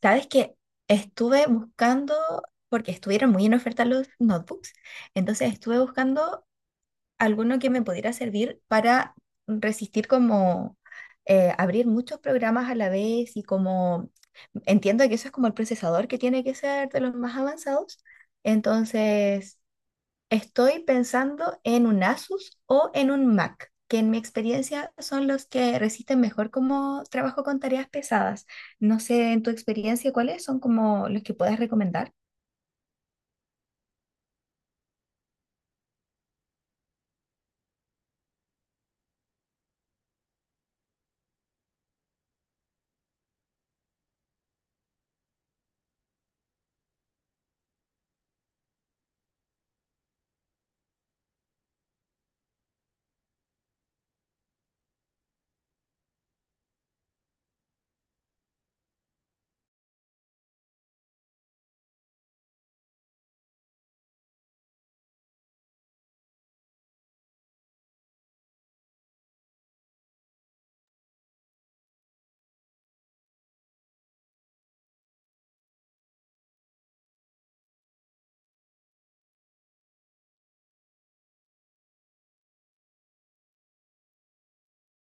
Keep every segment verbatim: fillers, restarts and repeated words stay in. Sabes que estuve buscando, porque estuvieron muy en oferta los notebooks, entonces estuve buscando alguno que me pudiera servir para resistir como eh, abrir muchos programas a la vez y como entiendo que eso es como el procesador que tiene que ser de los más avanzados. Entonces, estoy pensando en un Asus o en un Mac, que en mi experiencia son los que resisten mejor como trabajo con tareas pesadas. No sé, en tu experiencia, ¿cuáles son como los que puedas recomendar?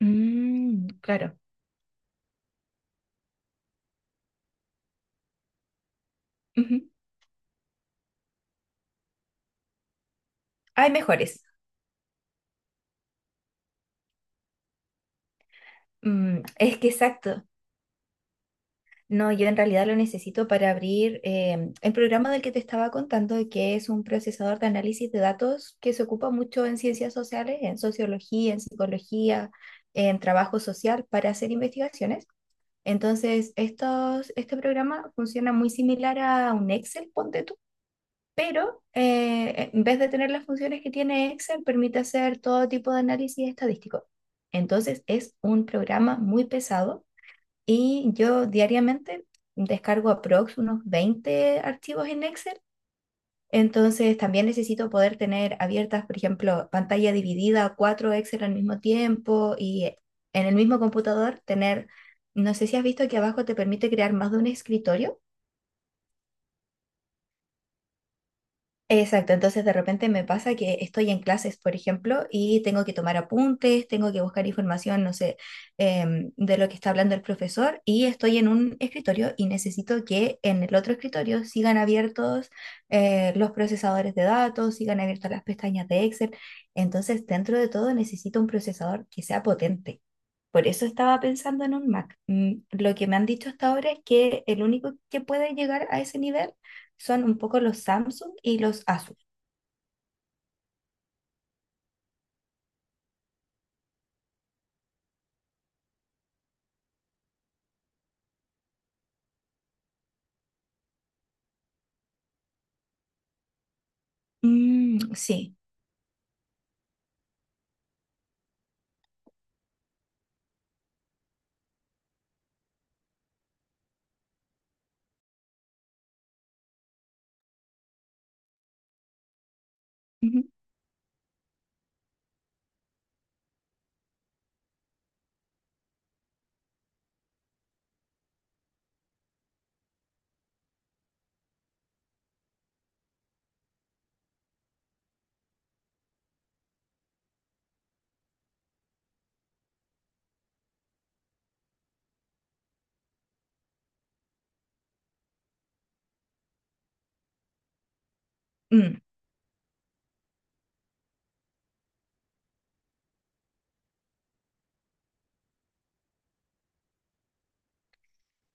Mm, claro. Ujú. Hay mejores. Mm, es que exacto. No, yo en realidad lo necesito para abrir em, el programa del que te estaba contando, que es un procesador de análisis de datos que se ocupa mucho en ciencias sociales, en sociología, en psicología, en trabajo social para hacer investigaciones. Entonces, estos, este programa funciona muy similar a un Excel, ponte tú, pero eh, en vez de tener las funciones que tiene Excel, permite hacer todo tipo de análisis estadístico. Entonces, es un programa muy pesado y yo diariamente descargo aprox unos veinte archivos en Excel. Entonces también necesito poder tener abiertas, por ejemplo, pantalla dividida, cuatro Excel al mismo tiempo y eh, en el mismo computador tener, no sé si has visto que abajo te permite crear más de un escritorio. Exacto, entonces de repente me pasa que estoy en clases, por ejemplo, y tengo que tomar apuntes, tengo que buscar información, no sé, em, de lo que está hablando el profesor, y estoy en un escritorio y necesito que en el otro escritorio sigan abiertos eh, los procesadores de datos, sigan abiertas las pestañas de Excel. Entonces, dentro de todo, necesito un procesador que sea potente. Por eso estaba pensando en un Mac. Mm, lo que me han dicho hasta ahora es que el único que puede llegar a ese nivel son un poco los Samsung y los Asus. Mm, sí. Ujú. Mm,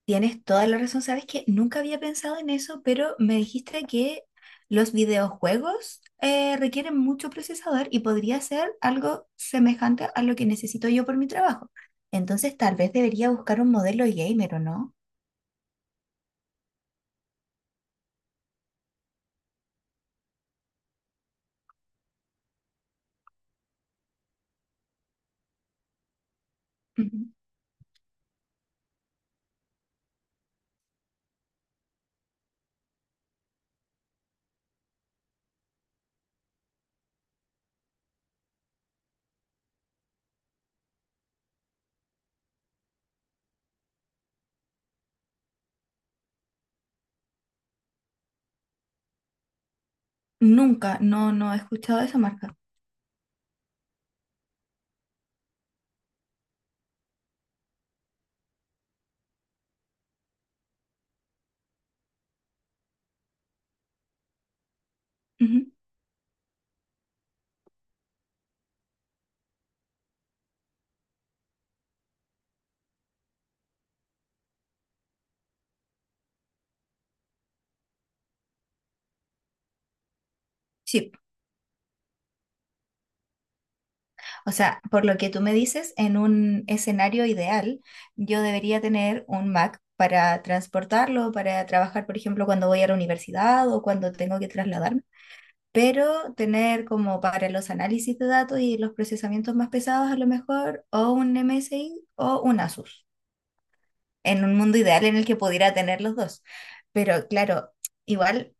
tienes toda la razón. Sabes que nunca había pensado en eso, pero me dijiste que los videojuegos eh, requieren mucho procesador y podría ser algo semejante a lo que necesito yo por mi trabajo. Entonces, tal vez debería buscar un modelo gamer, ¿o no? Ujú. Nunca, no, no he escuchado de esa marca. Sí, o sea, por lo que tú me dices, en un escenario ideal, yo debería tener un Mac para transportarlo, para trabajar, por ejemplo, cuando voy a la universidad o cuando tengo que trasladarme, pero tener como para los análisis de datos y los procesamientos más pesados a lo mejor o un M S I o un Asus, en un mundo ideal en el que pudiera tener los dos. Pero claro, igual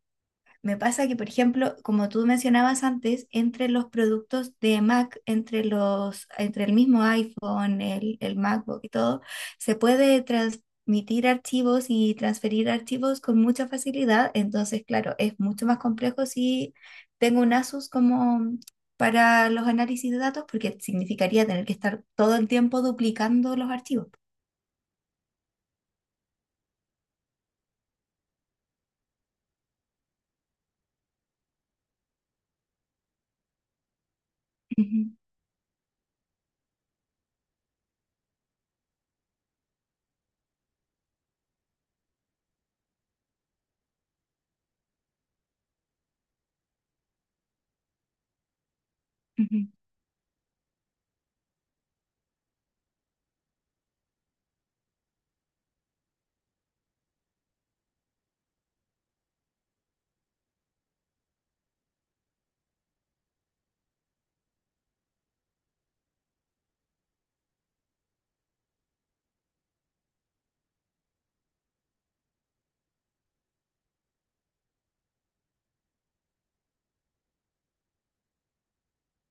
me pasa que, por ejemplo, como tú mencionabas antes, entre los productos de Mac, entre los, entre el mismo iPhone, el, el MacBook y todo, se puede transmitir archivos y transferir archivos con mucha facilidad. Entonces, claro, es mucho más complejo si tengo un Asus como para los análisis de datos, porque significaría tener que estar todo el tiempo duplicando los archivos. Ujú, ujú.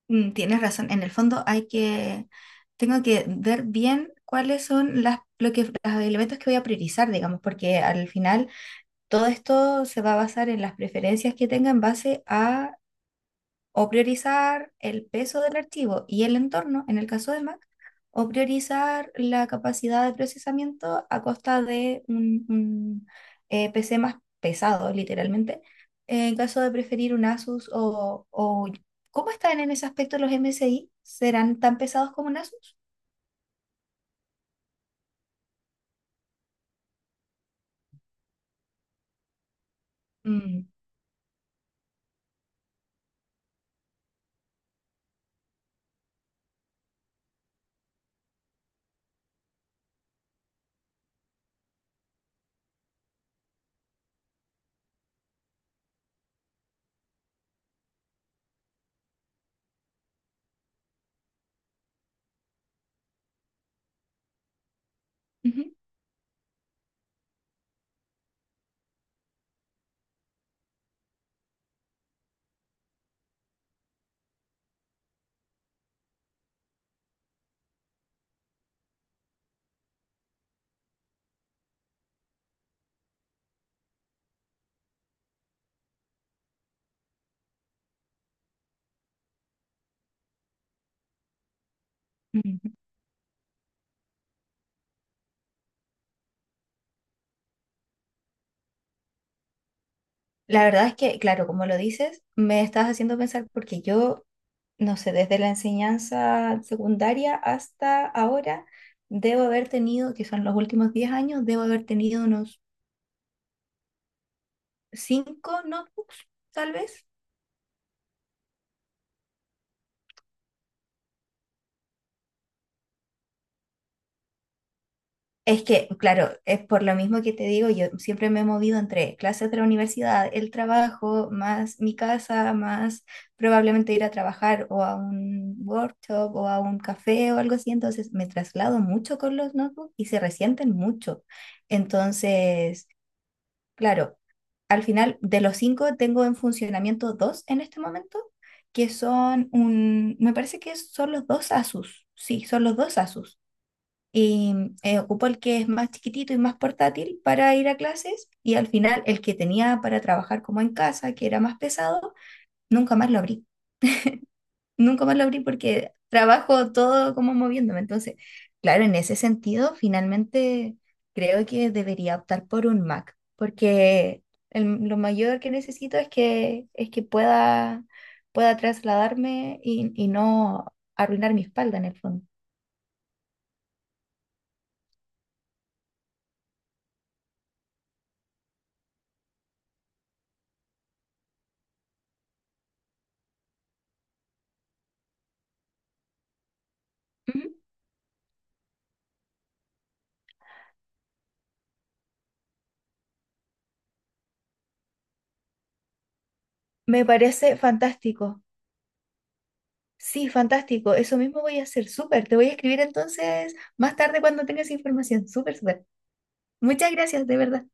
Mm, tienes razón, en el fondo hay que, tengo que ver bien cuáles son las, lo que, los elementos que voy a priorizar, digamos, porque al final todo esto se va a basar en las preferencias que tenga en base a o priorizar el peso del archivo y el entorno, en el caso de Mac, o priorizar la capacidad de procesamiento a costa de un, un, eh, P C más pesado, literalmente, en caso de preferir un Asus o, o- ¿Cómo están en ese aspecto los M S I? ¿Serán tan pesados como un Asus? Mm, ujú, ujú. La verdad es que, claro, como lo dices, me estás haciendo pensar porque yo no sé, desde la enseñanza secundaria hasta ahora, debo haber tenido, que son los últimos diez años, debo haber tenido unos cinco notebooks, tal vez. Es que, claro, es por lo mismo que te digo, yo siempre me he movido entre clases de la universidad, el trabajo, más mi casa, más probablemente ir a trabajar o a un workshop o a un café o algo así. Entonces me traslado mucho con los notebooks y se resienten mucho. Entonces, claro, al final, de los cinco tengo en funcionamiento dos en este momento, que son un, me parece que son los dos Asus, sí, son los dos Asus. Y eh, ocupo el que es más chiquitito y más portátil para ir a clases y al final el que tenía para trabajar como en casa, que era más pesado, nunca más lo abrí. Nunca más lo abrí porque trabajo todo como moviéndome. Entonces, claro, en ese sentido, finalmente creo que debería optar por un Mac, porque el- lo mayor que necesito es que, es que pueda, pueda trasladarme y, y no arruinar mi espalda en el fondo. Ujú. Me parece fantástico. Sí, fantástico. Eso mismo voy a hacer. Súper. Te voy a escribir entonces más tarde cuando tengas información. Súper, súper. Muchas gracias, de verdad.